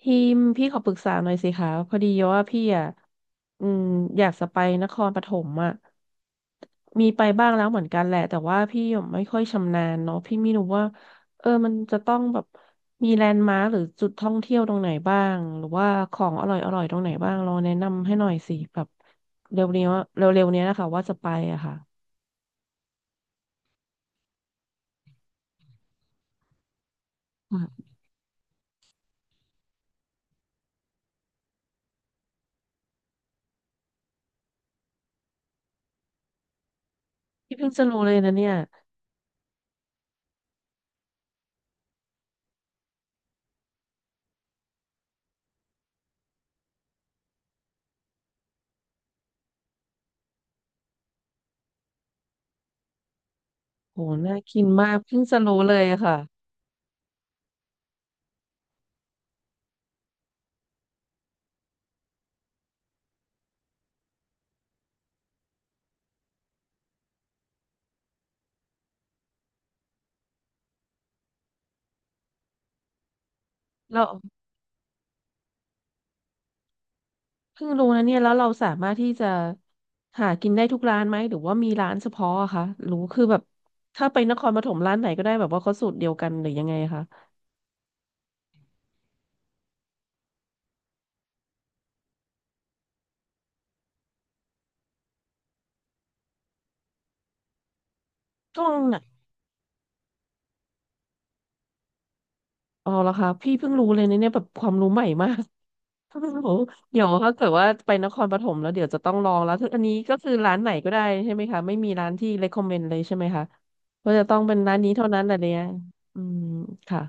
ทีมพี่ขอปรึกษาหน่อยสิคะพอดีว่าพี่อ่ะอืมอยากจะไปนครปฐมอ่ะมีไปบ้างแล้วเหมือนกันแหละแต่ว่าพี่ไม่ค่อยชำนาญเนาะพี่ไม่รู้ว่ามันจะต้องแบบมีแลนด์มาร์คหรือจุดท่องเที่ยวตรงไหนบ้างหรือว่าของอร่อยอร่อยตรงไหนบ้างลองแนะนำให้หน่อยสิแบบเร็วเนี้ยเร็วๆเนี้ยนะคะว่าจะไปอะค่ะค่ะพี่เพิ่งจะรู้เลยนะเนี่ยโหน่ากินมากเพิ่งจะรู้เลยอะค่ะแล้ว เพิ่งรู้นะเนี่ยแล้วเราสามารถที่จะหากินได้ทุกร้านไหมหรือว่ามีร้านเฉพาะอะคะหรือคือแบบถ้าไปนครปฐมร้านไหนก็ได้แบบว่าเขาสูตรเดียวกันหรือยังไงคะต่วงนหะอ๋อเหรอคะพี่เพิ่งรู้เลยนะเนี่ยแบบความรู้ใหม่มาก โอ้โหเดี๋ยวถ้าเกิดว่าไปนครปฐมแล้วเดี๋ยวจะต้องลองแล้วคืออันนี้ก็คือร้านไหนก็ได้ใช่ไหมคะไม่มีร้านที่ recommend เลยใช่ไหมคะว่าจะต้องเป็นร้านนี้เท่านั้นอะไรเนี่ยอืมค่ะ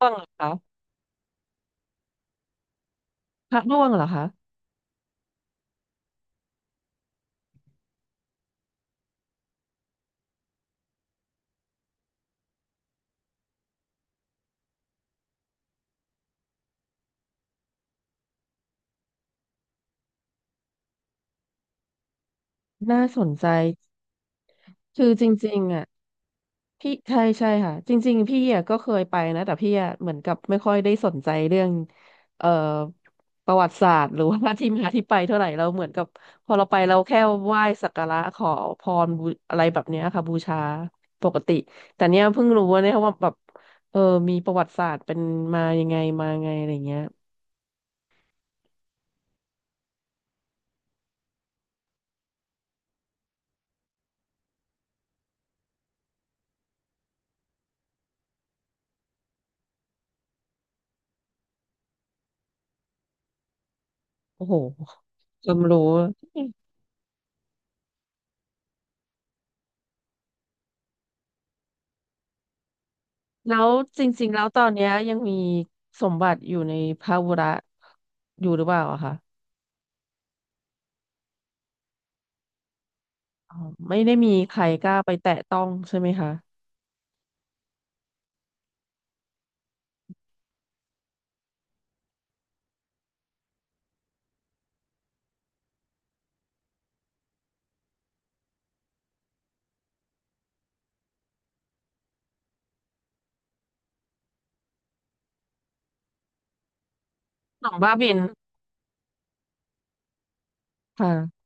ร่วงเหรอคะพระร่วงเหรอคะน่าสนใจคือจริงๆอ่ะ พี่ใช่ใช่ค่ะจริงๆพี่อ่ะก็เคยไปนะแต่พี่อ่ะเหมือนกับไม่ค่อยได้สนใจเรื่องเอ่อประวัติศาสตร์หรือว่าที่มาที่ไปเท่าไหร่เราเหมือนกับพอเราไปเราแค่ไหว้สักการะขอพรบูอะไรแบบเนี้ยค่ะบูชาปกติแต่เนี้ยเพิ่งรู้ว่าเนี่ยว่าแบบเออมีประวัติศาสตร์เป็นมายังไงมาไงอะไรเงี้ยโอ้โหความรู้แล้วจริงๆแล้วตอนเนี้ยยังมีสมบัติอยู่ในพระวุระอยู่หรือเปล่าอะคะ อ๋อไม่ได้มีใครกล้าไปแตะต้องใช่ไหมคะหนองบ้าบินค่ะ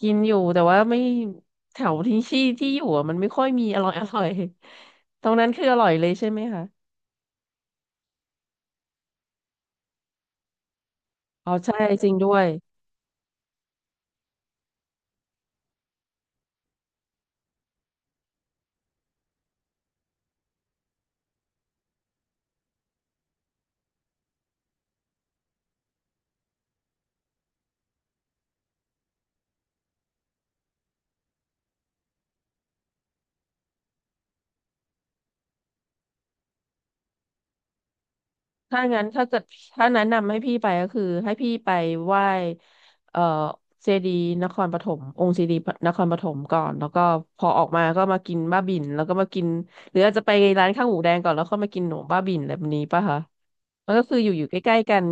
กินอยู่แต่ว่าไม่แถวที่อยู่อะมันไม่ค่อยมีอร่อย อร่อยตรงนั้นคืออร่อยเลยใช่ไหมคะอ๋อใช่จริงด้วย ถ้างั้นถ้าเกิดถ้าแนะนำให้พี่ไปก็คือให้พี่ไปไหว้เอ่อเจดีย์นครปฐมองค์เจดีย์นครปฐมก่อนแล้วก็พอออกมาก็มากินบ้าบิ่นแล้วก็มากินหรืออาจจะไปร้านข้าวหมูแดงก่อนแล้วค่อยมากินหนมบ้าบิ่นแบบนี้ป่ะคะมันก็คืออยู่ใกล้ๆกัน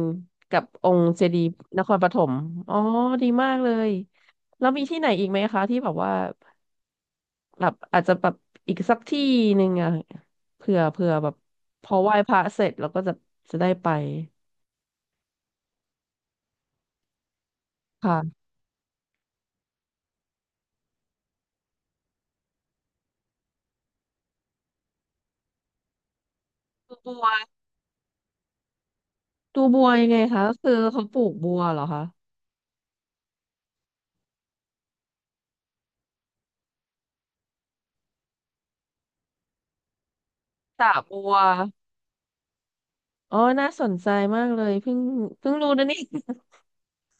กับองค์เจดีย์นครปฐมอ๋อดีมากเลยแล้วมีที่ไหนอีกไหมคะที่แบบว่าแบบอาจจะแบบอีกสักที่หนึ่งอะเผื่อแบบพอไหว้พระเสร็จเราก็จะจะได้ไป ค่ะดูบัวดูบัวยังไงคะก็คือเขาปลูกบัวเหรอคะสระบัวอ๋อน่าสนใจมากเลยเพิ่งรู้นะนี่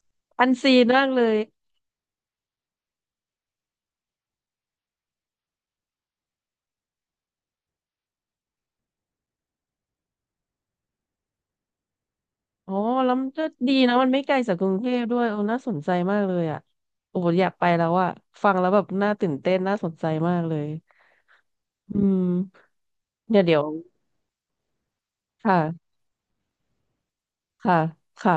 อันซีนมากเลยอ๋อแล้วมันก็ดีนะมันไม่ไกลจากกรุงเทพด้วยโอ้น่าสนใจมากเลยอ่ะโอ้อยากไปแล้วอ่ะฟังแล้วแบบน่าตื่นเต้นน่าสนใจมากเลยอืมเดี๋ยวเดี๋ยวค่ะค่ะค่ะ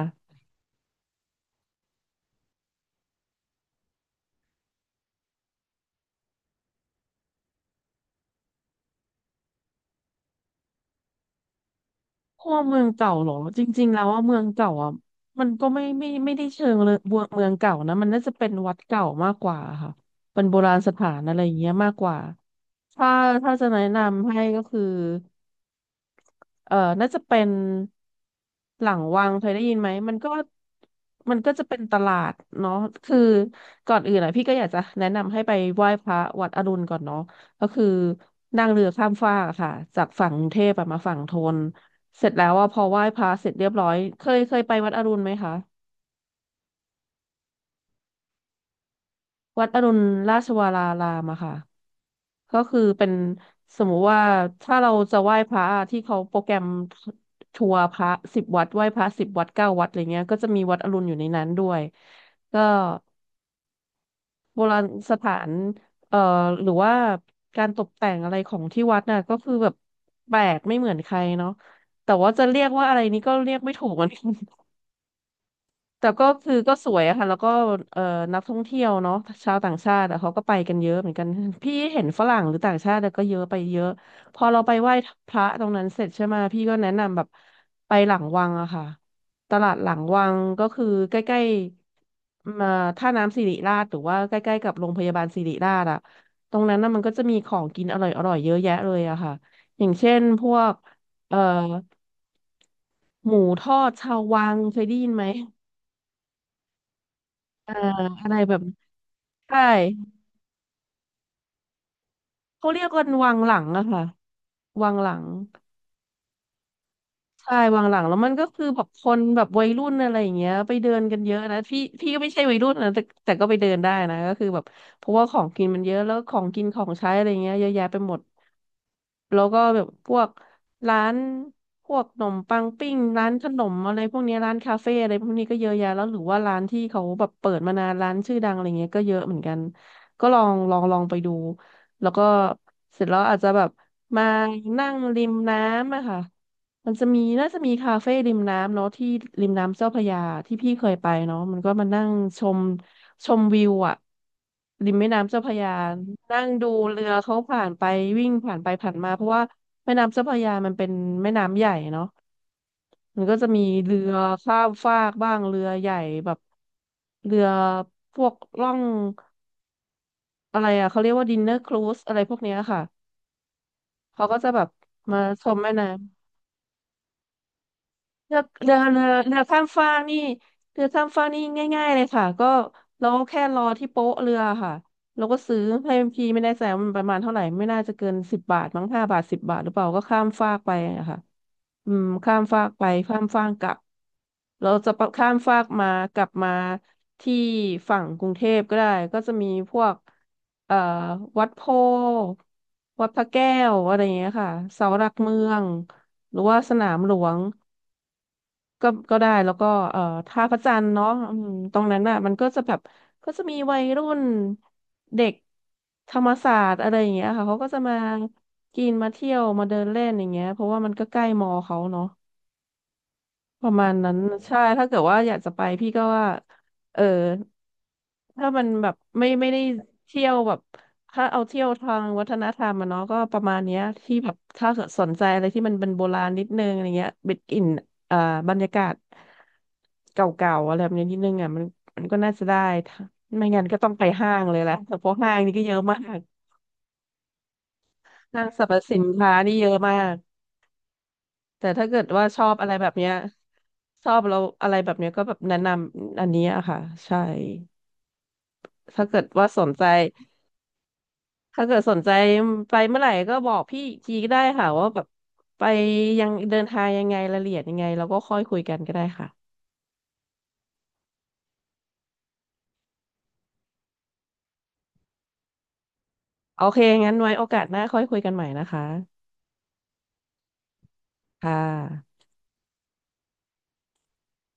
พวกเมืองเก่าเหรอจริงๆแล้วว่าเมืองเก่าอ่ะมันก็ไม่ได้เชิงเลยเมืองเก่านะมันน่าจะเป็นวัดเก่ามากกว่าค่ะเป็นโบราณสถานอะไรอย่างเงี้ยมากกว่าถ้าถ้าจะแนะนำให้ก็คือ น่าจะเป็นหลังวังเคยได้ยินไหมมันก็มันก็จะเป็นตลาดเนาะคือก่อนอื่นอ่ะพี่ก็อยากจะแนะนำให้ไปไหว้พระวัดอรุณก่อนเนาะก็คือนั่งเรือข้ามฟากอะค่ะจากฝั่งกรุงเทพอะมาฝั่งธนเสร็จแล้วอ่ะพอไหว้พระเสร็จเรียบร้อยเคยไปวัดอรุณไหมคะวัดอรุณราชวรารามอะค่ะ ก็คือเป็นสมมุติว่าถ้าเราจะไหว้พระที่เขาโปรแกรมทัวร์พระสิบวัดไหว้พระสิบวัดเก้าวัดอะไรเงี้ยก็จะมีวัดอรุณอยู่ในนั้นด้วยก็โบราณสถานเอ่อหรือว่าการตกแต่งอะไรของที่วัดน่ะก็คือแบบแปลกไม่เหมือนใครเนาะแต่ว่าจะเรียกว่าอะไรนี้ก็เรียกไม่ถูกเหมือนกัน แต่ก็คือก็สวยอะค่ะแล้วก็เอ่อนักท่องเที่ยวเนาะชาวต่างชาติอะเขาก็ไปกันเยอะเหมือนกันพี่เห็นฝรั่งหรือต่างชาติอะก็เยอะไปเยอะพอเราไปไหว้พระตรงนั้นเสร็จใช่ไหมพี่ก็แนะนำแบบไปหลังวังอะค่ะตลาดหลังวังก็คือใกล้ๆมาท่าน้ำสิริราชหรือว่าใกล้ๆกับโรงพยาบาลสิริราชอะตรงนั้นน่ะมันก็จะมีของกินอร่อยๆเยอะแยะเลยอะค่ะอย่างเช่นพวกเอ่อหมูทอดชาววังเคยได้ยินไหมเอ่ออะไรแบบ ใช่เขาเรียกกันวังหลังอะค่ะวังหลัง ใช่วางหลังแล้วมันก็คือแบบคนแบบวัยรุ่นอะไรอย่างเงี้ยไปเดินกันเยอะนะ พี่ก็ไม่ใช่วัยรุ่นนะแต่ก็ไปเดินได้นะก็คือแบบเพราะว่าของกินมันเยอะ แล้วของกินของใช้อะไรเงี้ยเยอะแยะไปหมด แล้วก็แบบพวกร้านพวกขนมปังปิ้งร้านขนมอะไรพวกเนี้ยร้านคาเฟ่อะไรพวกนี้ก็เยอะแยะแล้วหรือว่าร้านที่เขาแบบเปิดมานานร้านชื่อดังอะไรเงี้ยก็เยอะเหมือนกัน ก็ลองไปดูแล้วก็เสร็จแล้วอาจจะแบบมานั่งริมน้ำอะค่ะ มันจะมีน่าจะมีคาเฟ่ริมน้ำเนาะที่ริมน้ำเจ้าพระยาที่พี่เคยไปเนาะมันก็มานั่งชมชมวิวอะริมแม่น้ำเจ้าพระยานั่งดูเรือเขาผ่านไปวิ่งผ่านไปผ่านมาเพราะว่าแม่น้ำเจ้าพระยามันเป็นแม่น้ำใหญ่เนาะมันก็จะมีเรือข้ามฟากบ้างเรือใหญ่แบบเรือพวกล่องอะไรอะเขาเรียกว่าดินเนอร์ครูซอะไรพวกเนี้ยค่ะเขาก็จะแบบมาชมแม่น้ำ เรือข้ามฟากนี่เรือข้ามฟากนี่ง่ายๆเลยค่ะก็เราก็แค่รอที่โป๊ะเรือค่ะเราก็ซื้อให้พี่ไม่ได้แสงมันประมาณเท่าไหร่ไม่น่าจะเกินสิบบาทมั้ง5 บาทสิบบาทหรือเปล่าก็ข้ามฟากไปอะค่ะอืมข้ามฟากไปข้ามฟากกลับเราจะข้ามฟากมากลับมาที่ฝั่งกรุงเทพก็ได้ก็จะมีพวกเอ่อวัดโพธิ์วัดพระแก้วอะไรอย่างเงี้ยค่ะเสาหลักเมืองหรือว่าสนามหลวง ก็ได้แล้วก็ท่าพระจันทร์เนาะอืมตรงนั้นน่ะมันก็จะแบบก็จะมีวัยรุ่นเด็กธรรมศาสตร์อะไรอย่างเงี้ยค่ะเขาก็จะมากินมาเที่ยวมาเดินเล่นอย่างเงี้ยเพราะว่ามันก็ใกล้มอเขาเนาะ ประมาณนั้นใช่ถ้าเกิดว่าอยากจะไปพี่ก็ว่าเออถ้ามันแบบไม่ได้เที่ยวแบบถ้าเอาเที่ยวทางวัฒนธรรมอะเนาะก็ประมาณเนี้ยที่แบบถ้าเกิดสนใจอะไรที่มันเป็นโบราณนิดนึงอะไรเงี้ยบิดอินอ่าบรรยากาศเก่าๆอะไรแบบนี้นิดนึงอ่ะมันก็น่าจะได้ถ้าไม่งั้นก็ต้องไปห้างเลยแหละเพราะห้างนี่ก็เยอะมากห้างสรรพสินค้านี่เยอะมาก แต่ถ้าเกิดว่าชอบอะไรแบบเนี้ยชอบเราอะไรแบบเนี้ยก็แบบแนะนำอันนี้อะค่ะใช่ถ้าเกิดว่าสนใจถ้าเกิดสนใจไปเมื่อไหร่ก็บอกพี่อีกทีก็ได้ค่ะว่าแบบไปยังเดินทางยังไงรายละเอียดยังไงเราก็ค่อยคุยกันก็ได้ค่ะโอเคงั้นไว้โอกาสหน้าค่อยคุยกันใหม่นะคะค่ะ